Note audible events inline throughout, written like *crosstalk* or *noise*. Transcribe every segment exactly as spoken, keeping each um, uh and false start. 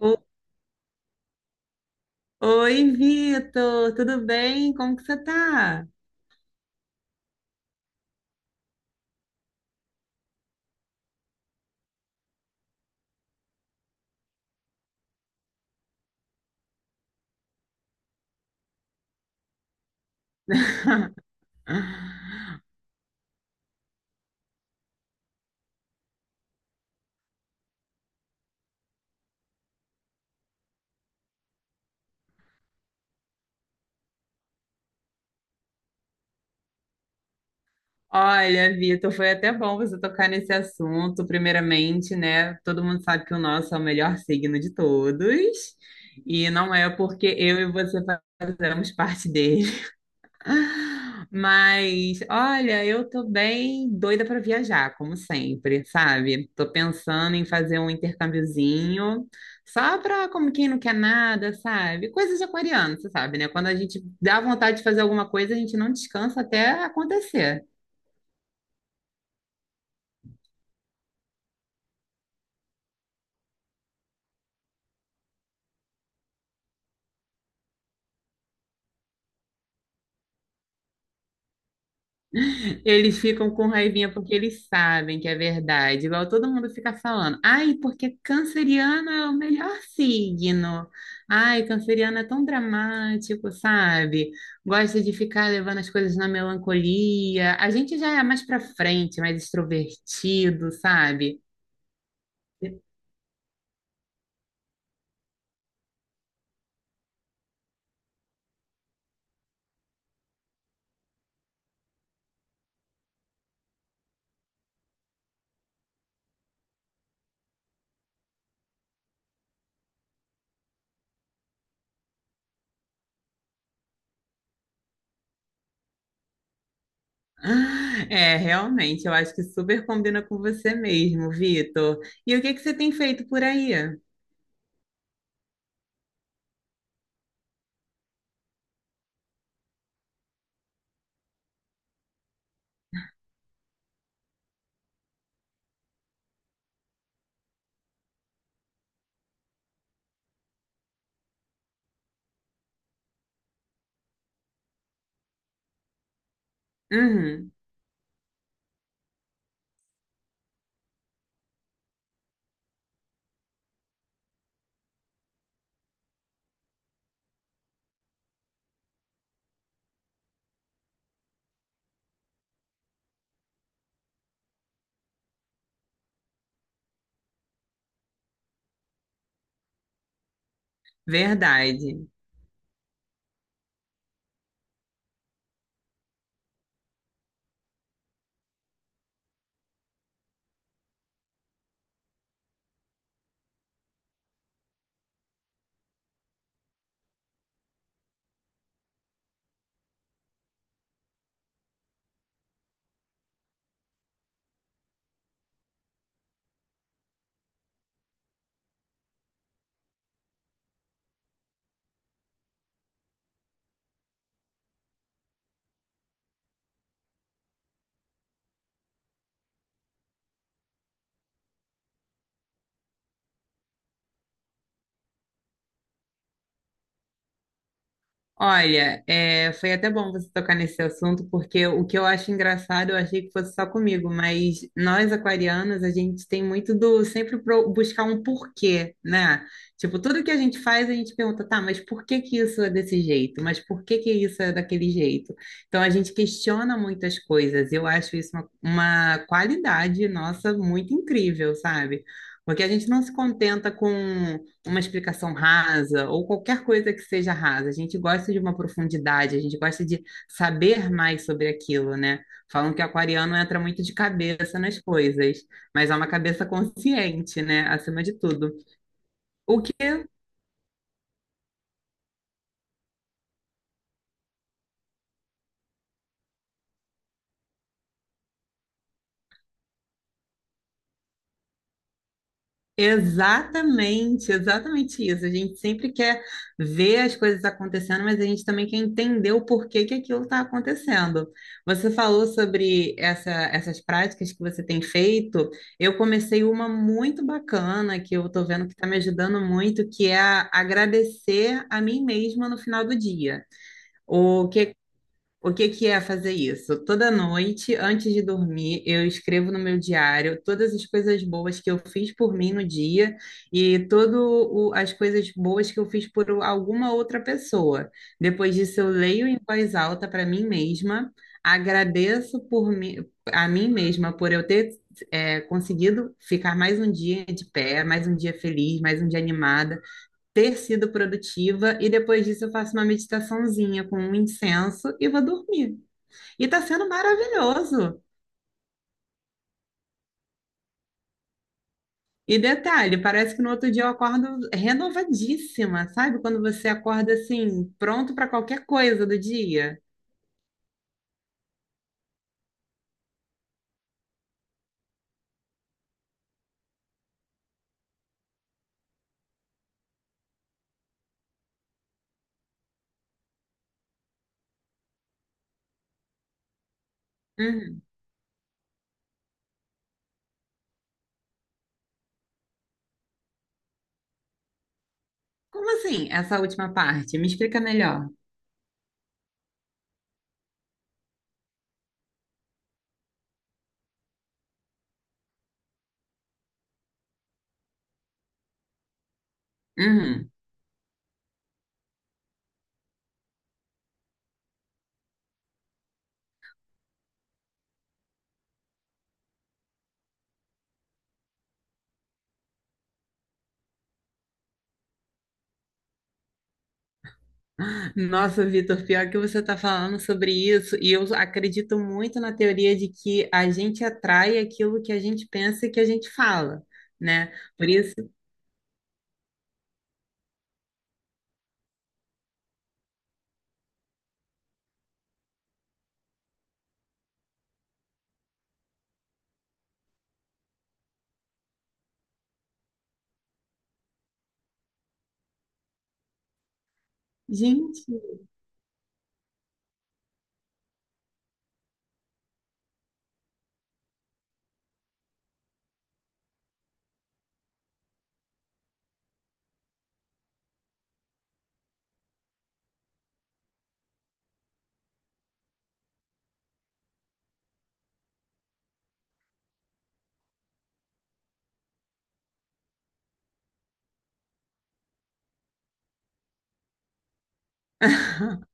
O- Oi, Vitor, tudo bem? Como que você tá? *laughs* Olha, Vitor, foi até bom você tocar nesse assunto. Primeiramente, né? Todo mundo sabe que o nosso é o melhor signo de todos, e não é porque eu e você fazemos parte dele. Mas, olha, eu tô bem doida para viajar, como sempre, sabe? Tô pensando em fazer um intercâmbiozinho, só pra como quem não quer nada, sabe? Coisa de aquariano, você sabe, né? Quando a gente dá vontade de fazer alguma coisa, a gente não descansa até acontecer. Eles ficam com raivinha porque eles sabem que é verdade. Igual todo mundo fica falando. Ai, porque canceriano é o melhor signo. Ai, canceriano é tão dramático, sabe? Gosta de ficar levando as coisas na melancolia. A gente já é mais pra frente, mais extrovertido, sabe? Ah, é, realmente, eu acho que super combina com você mesmo, Vitor. E o que que você tem feito por aí? Uhum, verdade. Olha, é, foi até bom você tocar nesse assunto, porque o que eu acho engraçado, eu achei que fosse só comigo, mas nós aquarianos, a gente tem muito do sempre pro- buscar um porquê, né? Tipo, tudo que a gente faz, a gente pergunta, tá, mas por que que isso é desse jeito? Mas por que que isso é daquele jeito? Então a gente questiona muitas coisas. Eu acho isso uma, uma qualidade nossa muito incrível, sabe? Porque a gente não se contenta com uma explicação rasa ou qualquer coisa que seja rasa. A gente gosta de uma profundidade, a gente gosta de saber mais sobre aquilo, né? Falam que aquariano entra muito de cabeça nas coisas, mas é uma cabeça consciente, né? Acima de tudo. O que Exatamente, exatamente isso. A gente sempre quer ver as coisas acontecendo, mas a gente também quer entender o porquê que aquilo está acontecendo. Você falou sobre essa- essas práticas que você tem feito. Eu comecei uma muito bacana que eu estou vendo que está me ajudando muito, que é a- agradecer a mim mesma no final do dia. O que que é fazer isso? Toda noite, antes de dormir, eu escrevo no meu diário todas as coisas boas que eu fiz por mim no dia e todas as coisas boas que eu fiz por alguma outra pessoa. Depois disso, eu leio em voz alta para mim mesma, agradeço por mim, a mim mesma por eu ter é, conseguido ficar mais um dia de pé, mais um dia feliz, mais um dia animada ter sido produtiva e depois disso eu faço uma meditaçãozinha com um incenso e vou dormir. E tá sendo maravilhoso. E detalhe, parece que no outro dia eu acordo renovadíssima, sabe? Quando você acorda assim, pronto para qualquer coisa do dia. Uhum. Como assim, essa última parte? Me explica melhor. Uhum. Nossa, Vitor, pior que você está falando sobre isso, e eu acredito muito na teoria de que a gente atrai aquilo que a gente pensa e que a gente fala, né? Por isso. Gente, *laughs*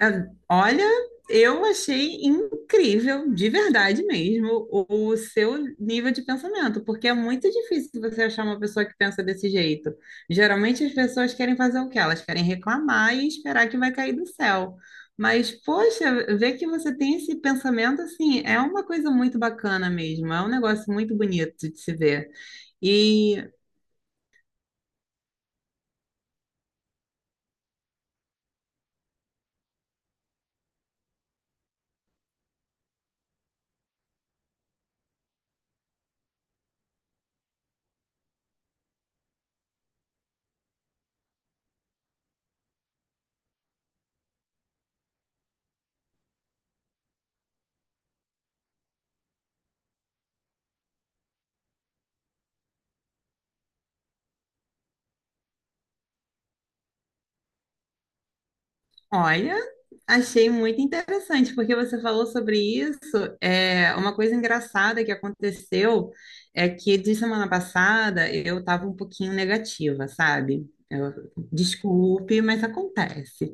eu- olha, eu achei incrível, de verdade mesmo, o, o seu nível de pensamento, porque é muito difícil você achar uma pessoa que pensa desse jeito. Geralmente as pessoas querem fazer o quê? Elas querem reclamar e esperar que vai cair do céu. Mas, poxa, ver que você tem esse pensamento assim é uma coisa muito bacana mesmo, é um negócio muito bonito de se ver. E Olha, achei muito interessante, porque você falou sobre isso. É, uma coisa engraçada que aconteceu é que de semana passada eu estava um pouquinho negativa, sabe? Eu- desculpe, mas acontece.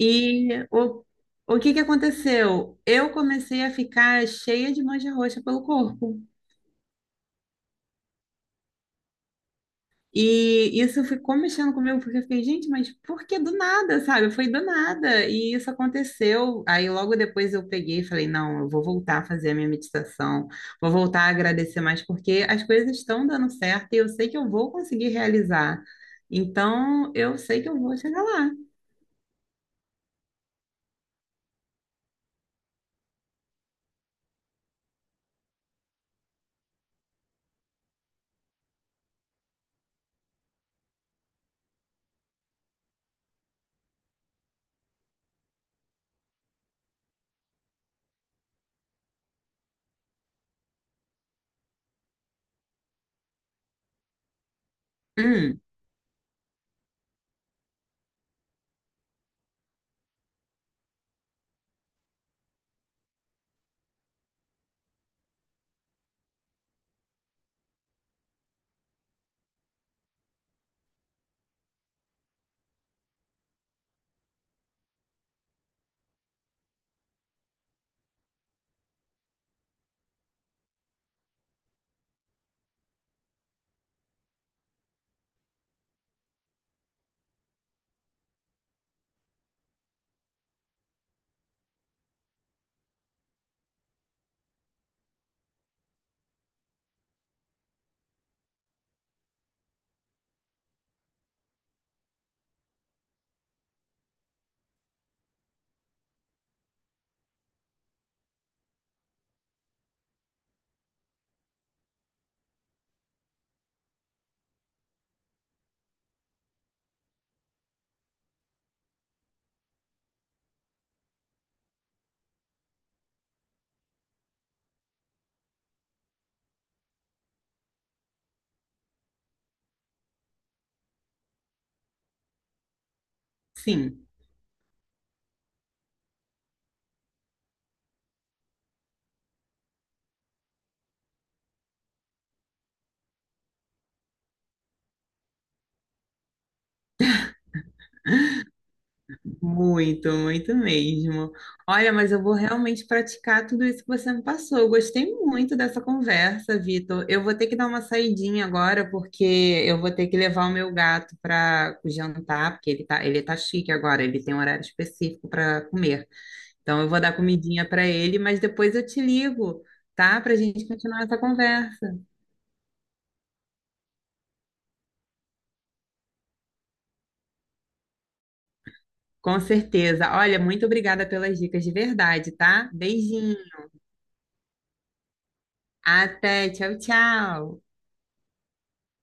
E o, o que que aconteceu? Eu comecei a ficar cheia de mancha roxa pelo corpo. E isso ficou mexendo comigo, porque eu fiquei, gente, mas por que do nada, sabe? Foi do nada. E isso aconteceu. Aí logo depois eu peguei e falei, não, eu vou voltar a fazer a minha meditação, vou voltar a agradecer mais, porque as coisas estão dando certo e eu sei que eu vou conseguir realizar. Então, eu sei que eu vou chegar lá. Hum, sim. Muito, muito mesmo. Olha, mas eu vou realmente praticar tudo isso que você me passou. Eu gostei muito dessa conversa, Vitor. Eu vou ter que dar uma saidinha agora, porque eu vou ter que levar o meu gato para jantar, porque ele tá, ele tá chique agora, ele tem um horário específico para comer. Então eu vou dar comidinha para ele, mas depois eu te ligo, tá? Para a gente continuar essa conversa. Com certeza. Olha, muito obrigada pelas dicas de verdade, tá? Beijinho. Até, tchau, tchau.